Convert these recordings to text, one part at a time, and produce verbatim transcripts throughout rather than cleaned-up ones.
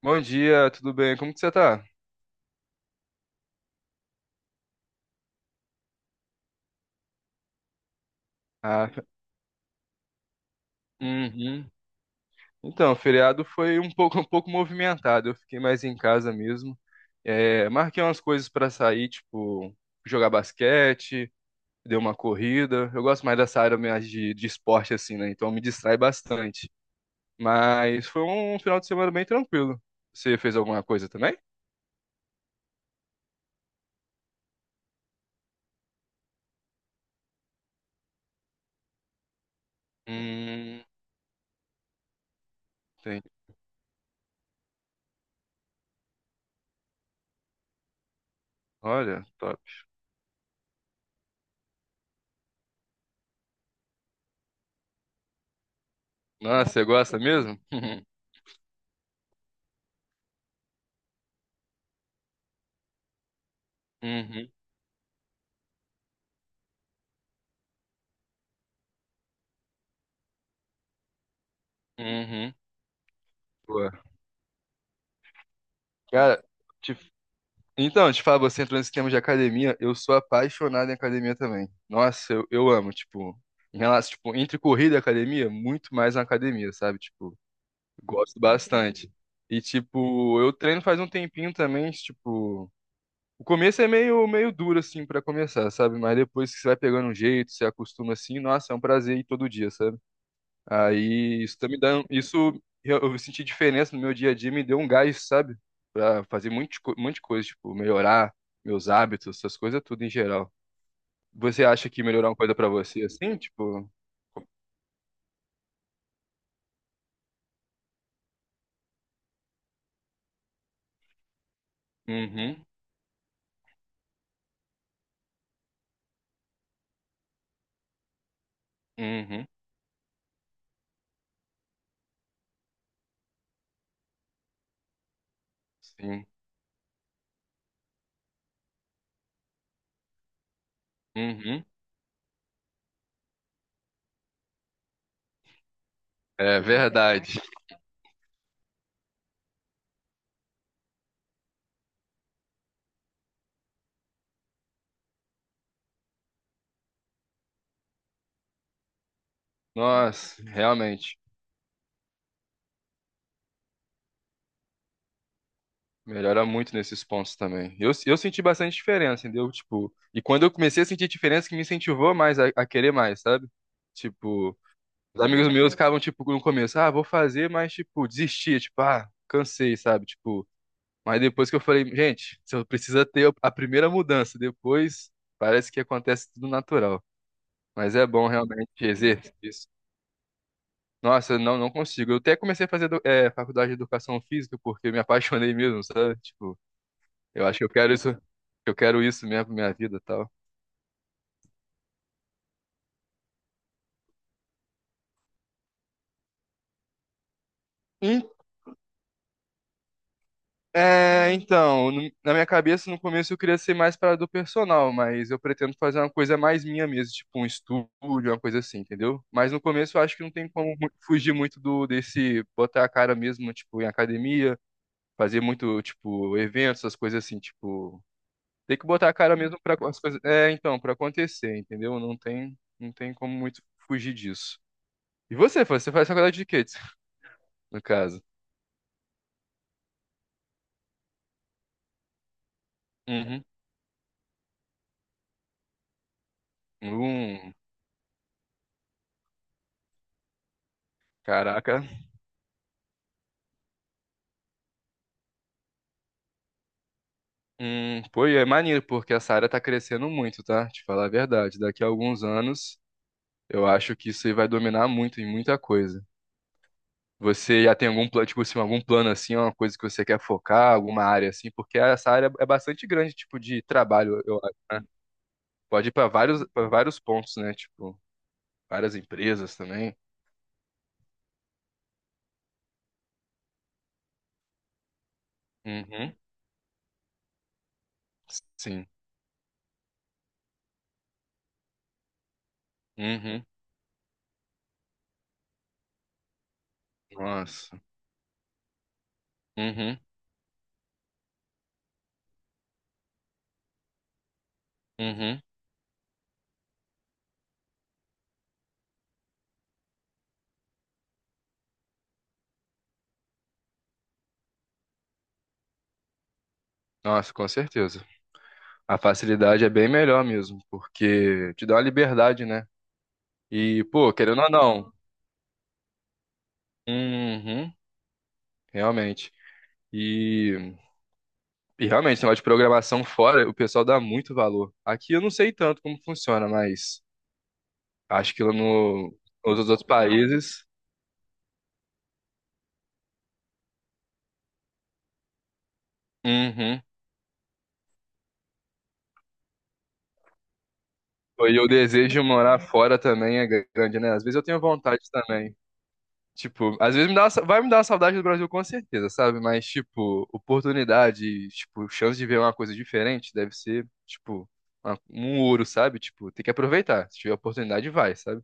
Bom dia, tudo bem? Como que você tá? Ah, uhum. Então, o feriado foi um pouco, um pouco movimentado. Eu fiquei mais em casa mesmo. É, marquei umas coisas pra sair, tipo jogar basquete, dei uma corrida. Eu gosto mais dessa área mais de, de esporte assim, né? Então me distrai bastante. Mas foi um final de semana bem tranquilo. Você fez alguma coisa também? Hum, tem. Olha, top. Nossa, você gosta mesmo? Uhum, uhum. Pô, cara, te Então, te falo, você entrou nesse tema de academia, eu sou apaixonado em academia também. Nossa, eu, eu amo, tipo, em relação, tipo, entre corrida e academia, muito mais na academia, sabe? Tipo, gosto bastante. E, tipo, eu treino faz um tempinho também, tipo, o começo é meio, meio duro, assim, pra começar, sabe? Mas depois que você vai pegando um jeito, você acostuma assim, nossa, é um prazer ir todo dia, sabe? Aí isso tá me dando, isso eu, eu senti diferença no meu dia a dia, me deu um gás, sabe? Pra fazer muito um monte de coisa, tipo, melhorar meus hábitos, essas coisas tudo em geral. Você acha que melhorar uma coisa pra você assim, tipo, uhum, uhum, sim, uhum. É verdade. Nossa, realmente. Melhora muito nesses pontos também. Eu, eu senti bastante diferença, entendeu? Tipo, e quando eu comecei a sentir diferença, que me incentivou mais a, a querer mais, sabe? Tipo, os amigos meus ficavam, tipo, no começo, ah, vou fazer, mas, tipo, desistia, tipo, ah, cansei, sabe? Tipo, mas depois que eu falei, gente, você precisa ter a primeira mudança, depois parece que acontece tudo natural. Mas é bom realmente exercer isso. Nossa, eu não, não consigo. Eu até comecei a fazer edu- eh, faculdade de educação física porque eu me apaixonei mesmo, sabe? Tipo, eu acho que eu quero isso, eu quero isso mesmo pra minha vida e tal. É, então, no- na minha cabeça, no começo eu queria ser mais para do personal, mas eu pretendo fazer uma coisa mais minha mesmo, tipo um estúdio, uma coisa assim, entendeu? Mas no começo eu acho que não tem como mu- fugir muito do desse botar a cara mesmo, tipo, em academia, fazer muito, tipo, eventos, essas coisas assim, tipo, tem que botar a cara mesmo para as coisas, é, então, para acontecer, entendeu? Não tem, não tem como muito fugir disso. E você, Fran, você faz faculdade de quê, no caso? Uhum. Hum, caraca. Hum, pô, e é maneiro, porque essa área tá crescendo muito, tá? Te falar a verdade. Daqui a alguns anos, eu acho que isso aí vai dominar muito em muita coisa. Você já tem algum plano, tipo assim, algum plano assim, uma coisa que você quer focar, alguma área assim, porque essa área é bastante grande, tipo, de trabalho, eu acho, né? Pode ir pra vários, para vários pontos, né? Tipo, várias empresas também. Uhum. Sim. Uhum. Nossa. Uhum. Uhum. Nossa, com certeza. A facilidade é bem melhor mesmo, porque te dá uma liberdade, né? E, pô, querendo ou não. Uhum, realmente. E, e realmente, esse negócio de programação fora, o pessoal dá muito valor. Aqui eu não sei tanto como funciona, mas acho que lá no, nos outros países. Uhum. E o desejo de morar fora também é grande, né? Às vezes eu tenho vontade também. Tipo, às vezes me dá uma vai me dar uma saudade do Brasil com certeza, sabe? Mas, tipo, oportunidade, tipo, chance de ver uma coisa diferente deve ser, tipo, uma- um ouro, sabe? Tipo, tem que aproveitar. Se tiver oportunidade, vai, sabe?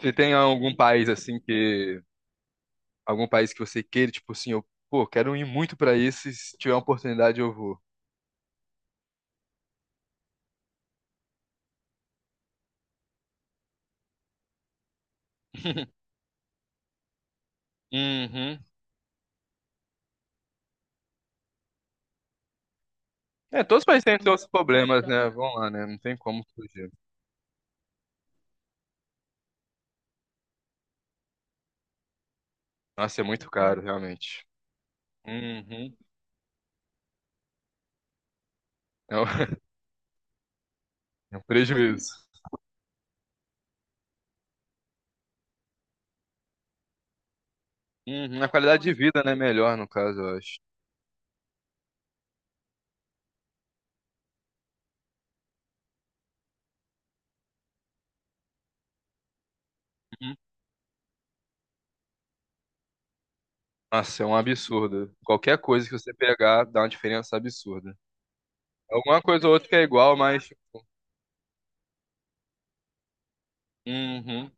Você tem algum país, assim, que... Algum país que você queira, tipo assim, eu, pô, quero ir muito pra isso e se tiver uma oportunidade eu vou. Uhum. É, todos os países têm seus problemas, né? Vamos lá, né? Não tem como fugir. Nossa, é muito caro, realmente. Uhum. É um é um prejuízo. Uhum, a qualidade de vida, né, melhor no caso, eu acho. Uhum. Nossa, é um absurdo. Qualquer coisa que você pegar dá uma diferença absurda. Alguma coisa ou outra que é igual, mas. Uhum.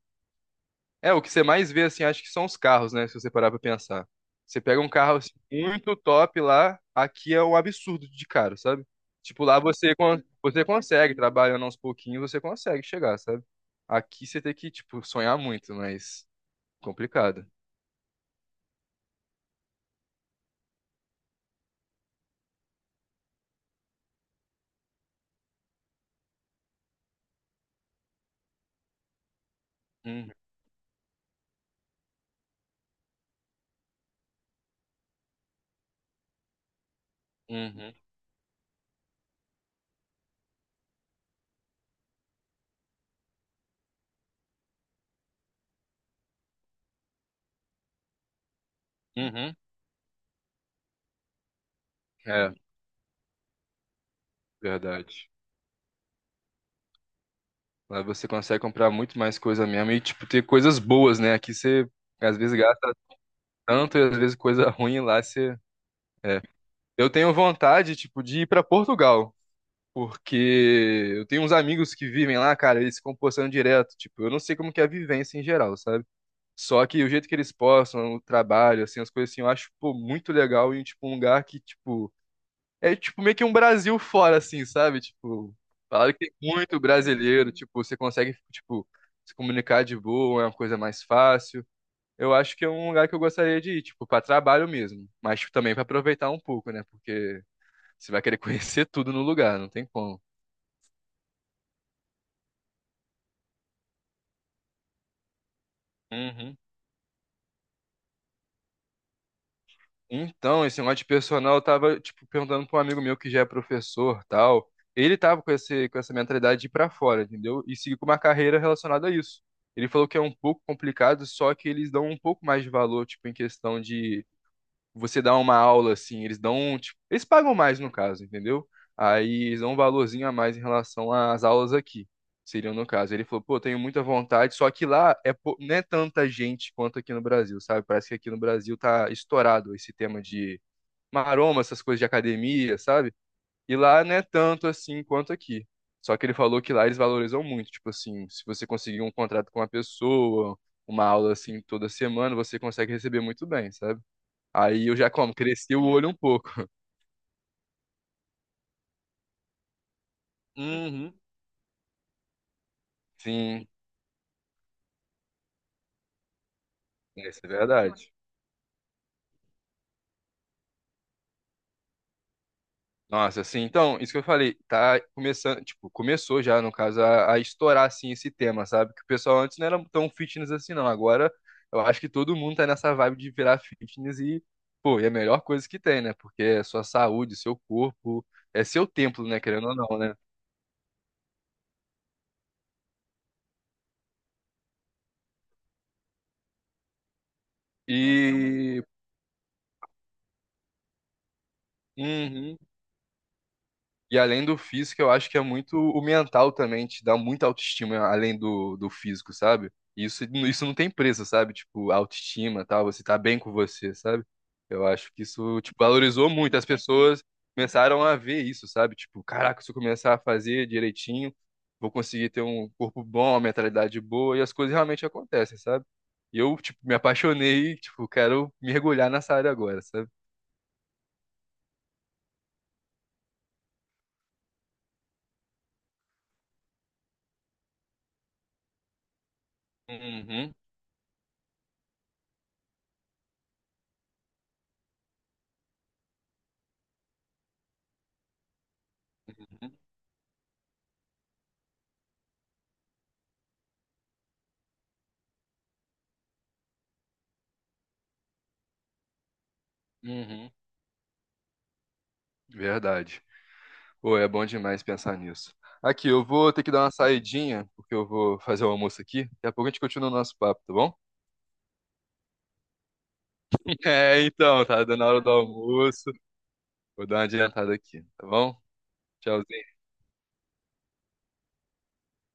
É, o que você mais vê, assim, acho que são os carros, né? Se você parar pra pensar. Você pega um carro assim, muito top lá, aqui é um absurdo de caro, sabe? Tipo, lá você, con- você consegue, trabalhando aos pouquinhos, você consegue chegar, sabe? Aqui você tem que, tipo, sonhar muito, mas complicado. Uhum, uhum, uhum. É, verdade. Lá você consegue comprar muito mais coisa mesmo e, tipo, ter coisas boas, né? Aqui você, às vezes, gasta tanto e, às vezes, coisa ruim lá você... É. Eu tenho vontade, tipo, de ir pra Portugal, porque eu tenho uns amigos que vivem lá, cara, eles ficam postando direto, tipo, eu não sei como que é a vivência em geral, sabe? Só que o jeito que eles postam, o trabalho, assim, as coisas assim, eu acho, pô, muito legal e, tipo, um lugar que, tipo... É tipo meio que um Brasil fora, assim, sabe? Tipo, falaram que tem muito brasileiro, tipo, você consegue, tipo, se comunicar de boa, é uma coisa mais fácil. Eu acho que é um lugar que eu gostaria de ir, tipo, pra trabalho mesmo, mas tipo, também pra aproveitar um pouco, né? Porque você vai querer conhecer tudo no lugar, não tem como. Uhum. Então, esse negócio de personal, eu tava, tipo, perguntando pra um amigo meu que já é professor, tal. Ele tava com esse, com essa mentalidade de ir pra fora, entendeu? E seguir com uma carreira relacionada a isso. Ele falou que é um pouco complicado, só que eles dão um pouco mais de valor, tipo, em questão de você dá uma aula assim, eles dão, tipo, eles pagam mais no caso, entendeu? Aí eles dão um valorzinho a mais em relação às aulas aqui, seriam no caso. Ele falou, pô, tenho muita vontade, só que lá é, pou- não é tanta gente quanto aqui no Brasil, sabe? Parece que aqui no Brasil tá estourado esse tema de maroma, essas coisas de academia, sabe? E lá não é tanto assim quanto aqui. Só que ele falou que lá eles valorizam muito, tipo assim, se você conseguir um contrato com uma pessoa, uma aula assim toda semana, você consegue receber muito bem, sabe? Aí eu já como, cresci o olho um pouco. Uhum. Sim, isso é verdade. Nossa, assim, então, isso que eu falei, tá começando, tipo, começou já, no caso, a, a estourar, assim, esse tema, sabe? Que o pessoal antes não era tão fitness assim, não. Agora, eu acho que todo mundo tá nessa vibe de virar fitness e, pô, é a melhor coisa que tem, né? Porque é sua saúde, seu corpo, é seu templo, né? Querendo ou não, né? E, uhum. E além do físico, eu acho que é muito o mental também, te dá muita autoestima além do, do físico, sabe? E Isso, isso não tem preço, sabe? Tipo, autoestima, tal, você tá bem com você, sabe? Eu acho que isso, tipo, valorizou muito. As pessoas começaram a ver isso, sabe? Tipo, caraca, se eu começar a fazer direitinho, vou conseguir ter um corpo bom, uma mentalidade boa, e as coisas realmente acontecem, sabe? E eu, tipo, me apaixonei, tipo, quero mergulhar nessa área agora, sabe? Uhum, uhum, uhum. Verdade. Pô, é bom demais pensar nisso. Aqui, eu vou ter que dar uma saidinha, porque eu vou fazer o almoço aqui. Daqui a pouco a gente continua o nosso papo, tá bom? É, então, tá dando a hora do almoço. Vou dar uma adiantada aqui, tá bom? Tchauzinho.